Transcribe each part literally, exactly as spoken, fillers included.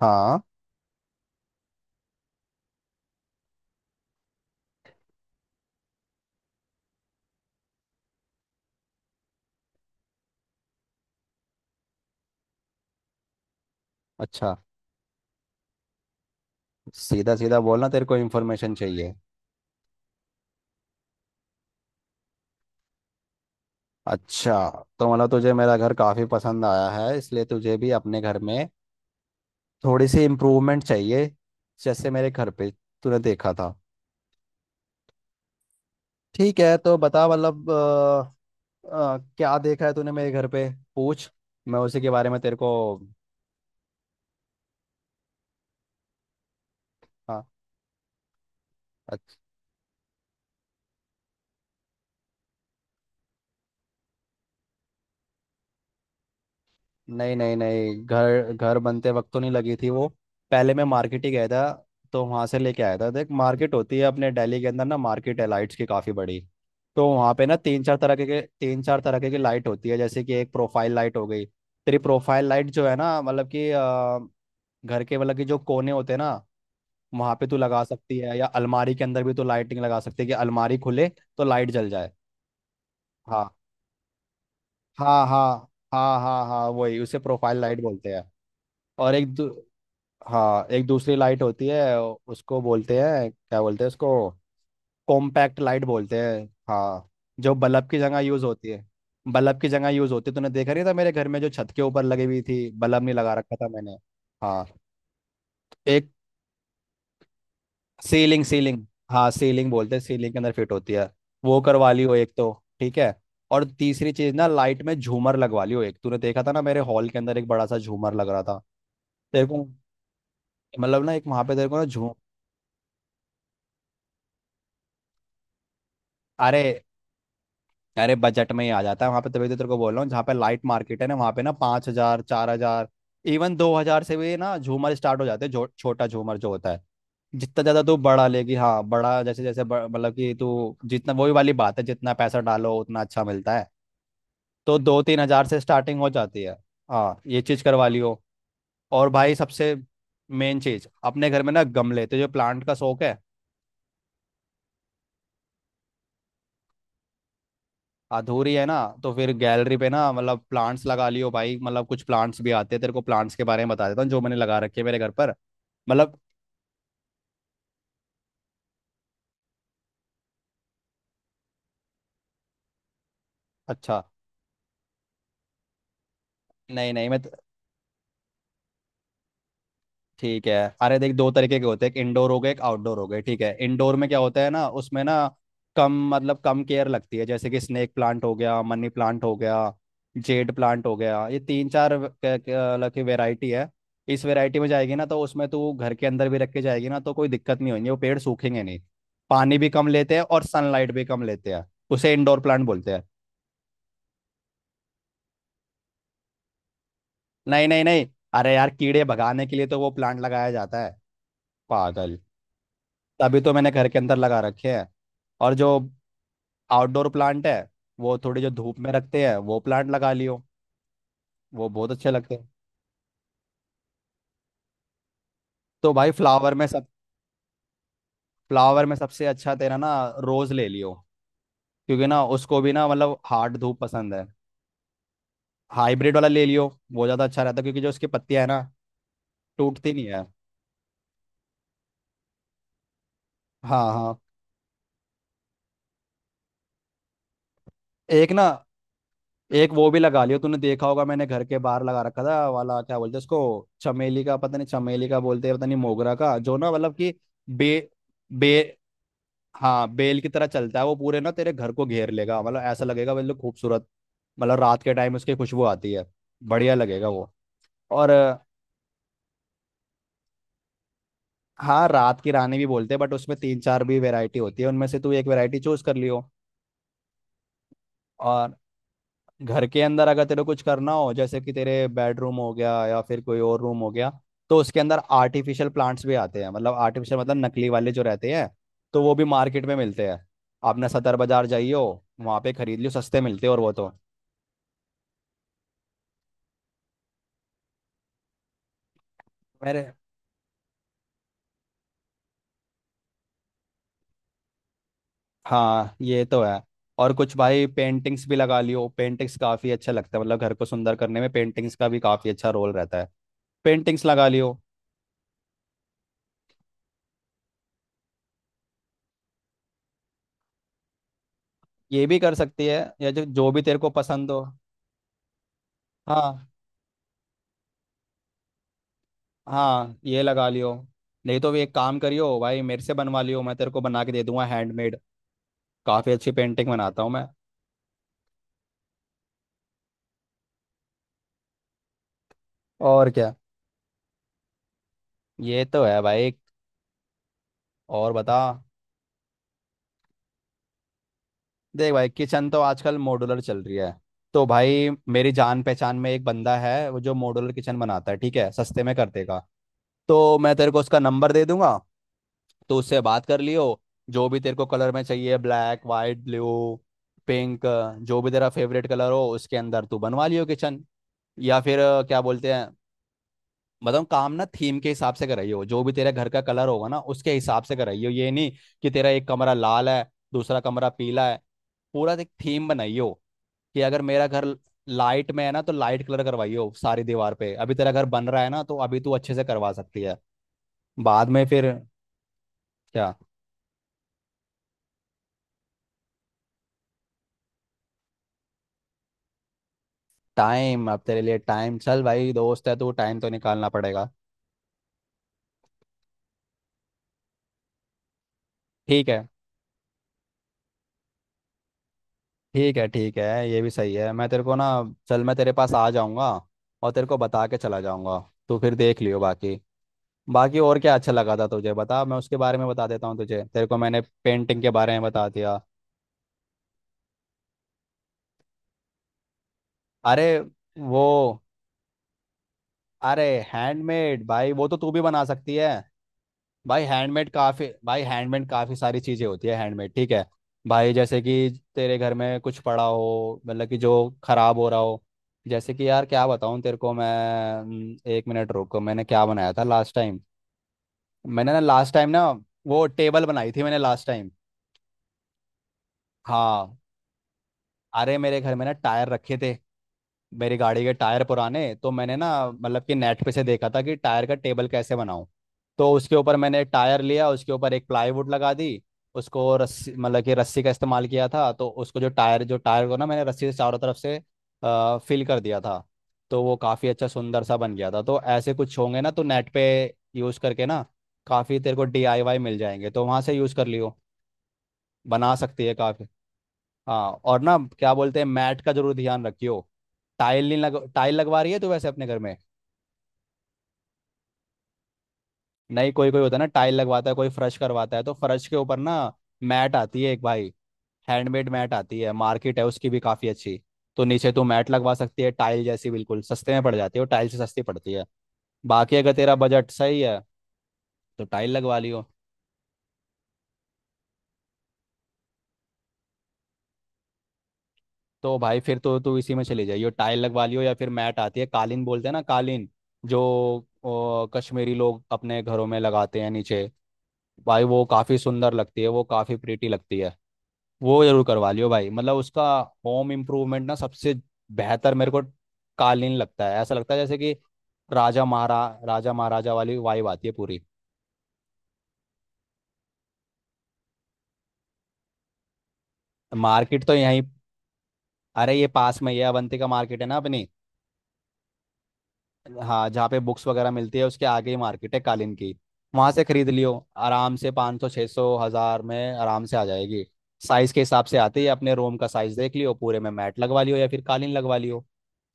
हाँ। अच्छा। सीधा सीधा बोलना, तेरे को इन्फॉर्मेशन चाहिए। अच्छा। तो मतलब तुझे मेरा घर काफ़ी पसंद आया है, इसलिए तुझे भी अपने घर में थोड़ी सी इम्प्रूवमेंट चाहिए जैसे मेरे घर पे तूने देखा था। ठीक है, तो बता मतलब अ, अ, क्या देखा है तूने मेरे घर पे। पूछ, मैं उसी के बारे में तेरे को। हाँ। नहीं नहीं नहीं, घर घर बनते वक्त तो नहीं लगी थी वो। पहले मैं मार्केट ही गया था, तो वहां से लेके आया था। देख, मार्केट होती है अपने दिल्ली के अंदर ना, मार्केट है लाइट्स की काफी बड़ी। तो वहां पे ना तीन चार तरह के तीन चार तरह के लाइट होती है, जैसे कि एक प्रोफाइल लाइट हो गई। तेरी प्रोफाइल लाइट जो है ना, मतलब कि अ, घर के मतलब कि जो कोने होते हैं ना, वहां पे तू लगा सकती है, या अलमारी के अंदर भी तू लाइटिंग लगा सकती है कि अलमारी खुले तो लाइट जल जाए। हाँ हाँ हाँ हाँ हाँ हाँ, वही उसे प्रोफाइल लाइट बोलते हैं। और एक दू- हाँ, एक दूसरी लाइट होती है, उसको बोलते हैं क्या बोलते हैं उसको, कॉम्पैक्ट लाइट बोलते हैं। हाँ, जो बल्ब की जगह यूज होती है। बल्ब की जगह यूज होती है, तूने देखा नहीं था मेरे घर में, जो छत के ऊपर लगी हुई थी, बल्ब नहीं लगा रखा था मैंने। हाँ, एक सीलिंग सीलिंग। हाँ, सीलिंग बोलते हैं, सीलिंग के अंदर फिट होती है। वो करवा ली हो एक तो, ठीक है। और तीसरी चीज ना, लाइट में झूमर लगवा ली हो एक, तूने देखा था ना मेरे हॉल के अंदर एक बड़ा सा झूमर लग रहा था। तेरे को मतलब ना एक वहां पे तेरे को ना झूम, अरे अरे, बजट में ही आ जाता है वहां पे, तभी तो तेरे को बोल रहा हूँ, जहाँ पे लाइट मार्केट है ना, वहां पे ना पाँच हजार, चार हजार, इवन दो हजार से भी ना झूमर स्टार्ट हो जाते हैं, जो छोटा झूमर जो होता है। जितना ज्यादा तू बड़ा लेगी, हाँ, बड़ा जैसे जैसे ब- मतलब कि तू जितना, वही वाली बात है, जितना पैसा डालो उतना अच्छा मिलता है। तो दो तीन हजार से स्टार्टिंग हो जाती है। हाँ, ये चीज करवा लियो। और भाई, सबसे मेन चीज अपने घर में ना, गमले, तो जो प्लांट का शौक है। अधूरी है ना, तो फिर गैलरी पे ना, मतलब प्लांट्स लगा लियो भाई। मतलब कुछ प्लांट्स भी आते हैं, तेरे को प्लांट्स के बारे में बता देता हूँ जो मैंने लगा रखे हैं मेरे घर पर। मतलब। अच्छा। नहीं नहीं, मैं तो। ठीक है। अरे देख, दो तरीके के होते हैं, एक इंडोर हो गए, एक आउटडोर हो गए। ठीक है, इंडोर में क्या होता है ना, उसमें ना कम, मतलब कम केयर लगती है, जैसे कि स्नेक प्लांट हो गया, मनी प्लांट हो गया, जेड प्लांट हो गया, ये तीन चार व- क- क- अलग की वेराइटी है। इस वेराइटी में जाएगी ना तो उसमें तू घर के अंदर भी रख के जाएगी ना, तो कोई दिक्कत नहीं होगी, वो पेड़ सूखेंगे नहीं। पानी भी कम लेते हैं और सनलाइट भी कम लेते हैं, उसे इंडोर प्लांट बोलते हैं। नहीं नहीं नहीं, अरे यार, कीड़े भगाने के लिए तो वो प्लांट लगाया जाता है पागल, तभी तो मैंने घर के अंदर लगा रखे हैं। और जो आउटडोर प्लांट है, वो थोड़ी जो धूप में रखते हैं वो प्लांट लगा लियो, वो बहुत अच्छे लगते हैं। तो भाई फ्लावर में सब, फ्लावर में सबसे अच्छा तेरा ना, रोज ले लियो, क्योंकि ना उसको भी ना, मतलब हार्ड धूप पसंद है। हाइब्रिड वाला ले लियो, वो ज़्यादा अच्छा रहता है क्योंकि जो उसकी पत्तियां है ना, टूटती नहीं है। हाँ हाँ। एक ना, एक वो भी लगा लियो, तूने देखा होगा मैंने घर के बाहर लगा रखा था वाला, क्या बोलते हैं उसको, चमेली का, पता नहीं चमेली का बोलते हैं पता नहीं मोगरा का, जो ना, मतलब कि बे बे हाँ, बेल की तरह चलता है वो, पूरे ना तेरे घर को घेर लेगा, मतलब ऐसा लगेगा बिल्कुल खूबसूरत। मतलब रात के टाइम उसकी खुशबू आती है, बढ़िया लगेगा वो। और अ, हाँ, रात की रानी भी बोलते हैं, बट उसमें तीन चार भी वैरायटी होती है, उनमें से तू एक वैरायटी चूज कर लियो। और घर के अंदर अगर तेरे को कुछ करना हो, जैसे कि तेरे बेडरूम हो गया या फिर कोई और रूम हो गया, तो उसके अंदर आर्टिफिशियल प्लांट्स भी आते हैं, मतलब आर्टिफिशियल मतलब नकली वाले जो रहते हैं, तो वो भी मार्केट में मिलते हैं। आपने सदर बाजार जाइयो, वहाँ पे खरीद लियो, सस्ते मिलते हैं और वो तो मेरे। हाँ, ये तो है। और कुछ भाई, पेंटिंग्स भी लगा लियो, पेंटिंग्स काफी अच्छा लगता है, मतलब घर को सुंदर करने में पेंटिंग्स का भी काफी अच्छा रोल रहता है, पेंटिंग्स लगा लियो। ये भी कर सकती है, या जो जो भी तेरे को पसंद हो। हाँ हाँ, ये लगा लियो। नहीं तो भी एक काम करियो भाई, मेरे से बनवा लियो, मैं तेरे को बना के दे दूंगा हैंडमेड, काफी अच्छी पेंटिंग बनाता हूँ मैं। और क्या, ये तो है भाई। और बता। देख भाई, किचन तो आजकल मॉड्यूलर चल रही है। तो भाई, मेरी जान पहचान में एक बंदा है, वो जो मॉड्यूलर किचन बनाता है, ठीक है, सस्ते में कर देगा, तो मैं तेरे को उसका नंबर दे दूंगा, तो उससे बात कर लियो। जो भी तेरे को कलर में चाहिए, ब्लैक, वाइट, ब्लू, पिंक, जो भी तेरा फेवरेट कलर हो उसके अंदर तू बनवा लियो किचन। या फिर अ, क्या बोलते हैं, मतलब काम ना थीम के हिसाब से कराइयो, जो भी तेरे घर का कलर होगा ना उसके हिसाब से कराइयो। ये नहीं कि तेरा एक कमरा लाल है, दूसरा कमरा पीला है, पूरा एक थीम बनाइयो। कि अगर मेरा घर लाइट में है ना, तो लाइट कलर करवाइयो सारी दीवार पे। अभी तेरा घर बन रहा है ना, तो अभी तू अच्छे से करवा सकती है, बाद में फिर क्या। टाइम, अब तेरे लिए टाइम चल भाई, दोस्त है तू, टाइम तो निकालना पड़ेगा। ठीक है ठीक है ठीक है, ये भी सही है। मैं तेरे को ना, चल मैं तेरे पास आ जाऊंगा और तेरे को बता के चला जाऊंगा, तू फिर देख लियो बाकी। बाकी और क्या अच्छा लगा था तुझे बता, मैं उसके बारे में बता देता हूँ तुझे। तेरे को मैंने पेंटिंग के बारे में बता दिया। अरे वो, अरे हैंडमेड भाई, वो तो तू भी बना सकती है, भाई हैंडमेड काफी, भाई हैंडमेड काफी सारी चीजें होती है हैंडमेड, ठीक है। भाई जैसे कि तेरे घर में कुछ पड़ा हो, मतलब कि जो खराब हो रहा हो, जैसे कि यार क्या बताऊं तेरे को मैं, हम्म, एक मिनट रुको, मैंने क्या बनाया था लास्ट टाइम। मैंने ना लास्ट टाइम ना, वो टेबल बनाई थी मैंने लास्ट टाइम। हाँ। अरे मेरे घर में ना टायर रखे थे, मेरी गाड़ी के टायर पुराने, तो मैंने ना मतलब कि नेट पे से देखा था कि टायर का टेबल कैसे बनाऊं। तो उसके ऊपर मैंने एक टायर लिया, उसके ऊपर एक प्लाईवुड लगा दी, उसको रस्सी, मतलब कि रस्सी का इस्तेमाल किया था, तो उसको जो टायर जो टायर को ना मैंने रस्सी से चारों तरफ से आ, फिल कर दिया था, तो वो काफ़ी अच्छा सुंदर सा बन गया था। तो ऐसे कुछ होंगे ना, तो नेट पे यूज़ करके ना, काफ़ी तेरे को डीआईवाई मिल जाएंगे, तो वहाँ से यूज़ कर लियो, बना सकती है काफ़ी। हाँ, और ना क्या बोलते हैं, मैट का जरूर ध्यान रखियो। टाइल नहीं लग, टाइल लगवा रही है तो वैसे अपने घर में, नहीं कोई कोई होता है ना, टाइल लगवाता है, कोई फर्श करवाता है, तो फर्श के ऊपर ना मैट आती है एक भाई, हैंडमेड मैट आती है, मार्केट है उसकी भी काफ़ी अच्छी। तो नीचे तू मैट लगवा सकती है, टाइल जैसी बिल्कुल सस्ते में पड़ जाती है, वो टाइल से सस्ती पड़ती है। बाकी अगर तेरा बजट सही है तो टाइल लगवा लियो। तो भाई फिर तो तू इसी में चली जाइयो, टाइल लगवा लियो, या फिर मैट आती है, कालीन बोलते हैं ना कालीन, जो ओ, कश्मीरी लोग अपने घरों में लगाते हैं नीचे, भाई वो काफी सुंदर लगती है, वो काफी प्रीटी लगती है। वो जरूर करवा लियो भाई, मतलब उसका होम इम्प्रूवमेंट ना सबसे बेहतर मेरे को कालीन लगता है, ऐसा लगता है जैसे कि राजा महारा राजा महाराजा वाली वाइब आती है पूरी। मार्केट तो यहीं, अरे ये पास में ही है, अवंती का मार्केट है ना अपनी, हाँ, जहाँ पे बुक्स वगैरह मिलती है उसके आगे ही मार्केट है कालीन की, वहां से खरीद लियो। आराम से 500 सौ, छः सौ हजार में आराम से आ जाएगी, साइज के हिसाब से। आते ही अपने रूम का साइज देख लियो, पूरे में मैट लगवा लियो या फिर कालीन लगवा लियो,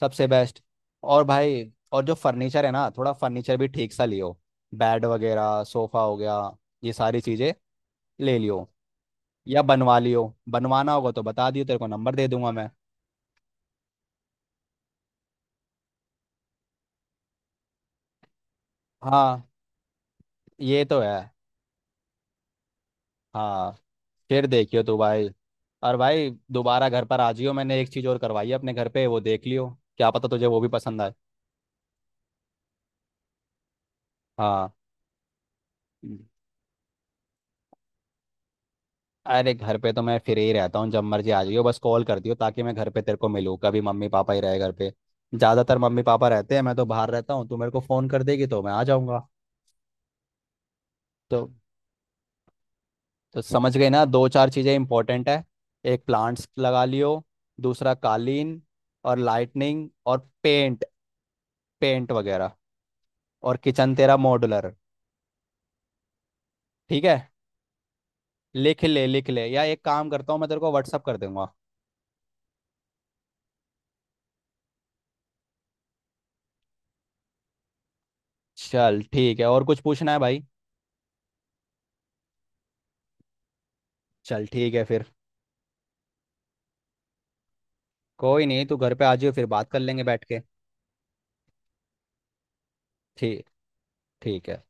सबसे बेस्ट। और भाई, और जो फर्नीचर है ना, थोड़ा फर्नीचर भी ठीक सा लियो, बेड वगैरह, सोफा हो गया, ये सारी चीजें ले लियो, या बनवा लियो। बनवाना होगा तो बता दियो, तेरे को नंबर दे दूंगा मैं। हाँ, ये तो है। हाँ फिर देखियो तो भाई। और भाई, दोबारा घर पर आ जियो, मैंने एक चीज़ और करवाई है अपने घर पे, वो देख लियो, क्या पता तुझे वो भी पसंद आए। हाँ। अरे घर पे तो मैं फ्री ही रहता हूँ, जब मर्जी आ जाइयो, बस कॉल कर दियो ताकि मैं घर पे तेरे को मिलूँ, कभी मम्मी पापा ही रहे घर पे। ज़्यादातर मम्मी पापा रहते हैं, मैं तो बाहर रहता हूँ, तू मेरे को फ़ोन कर देगी तो मैं आ जाऊँगा। तो तो समझ गए ना, दो चार चीज़ें इंपॉर्टेंट है। एक, प्लांट्स लगा लियो, दूसरा कालीन, और लाइटनिंग, और पेंट, पेंट वगैरह, और किचन तेरा मॉडुलर। ठीक है, लिख ले लिख ले, या एक काम करता हूँ, मैं तेरे को व्हाट्सअप कर दूंगा। चल ठीक है, और कुछ पूछना है भाई। चल ठीक है फिर। कोई नहीं, तू घर पे आ जाओ फिर बात कर लेंगे बैठ के। ठीक। ठीक है।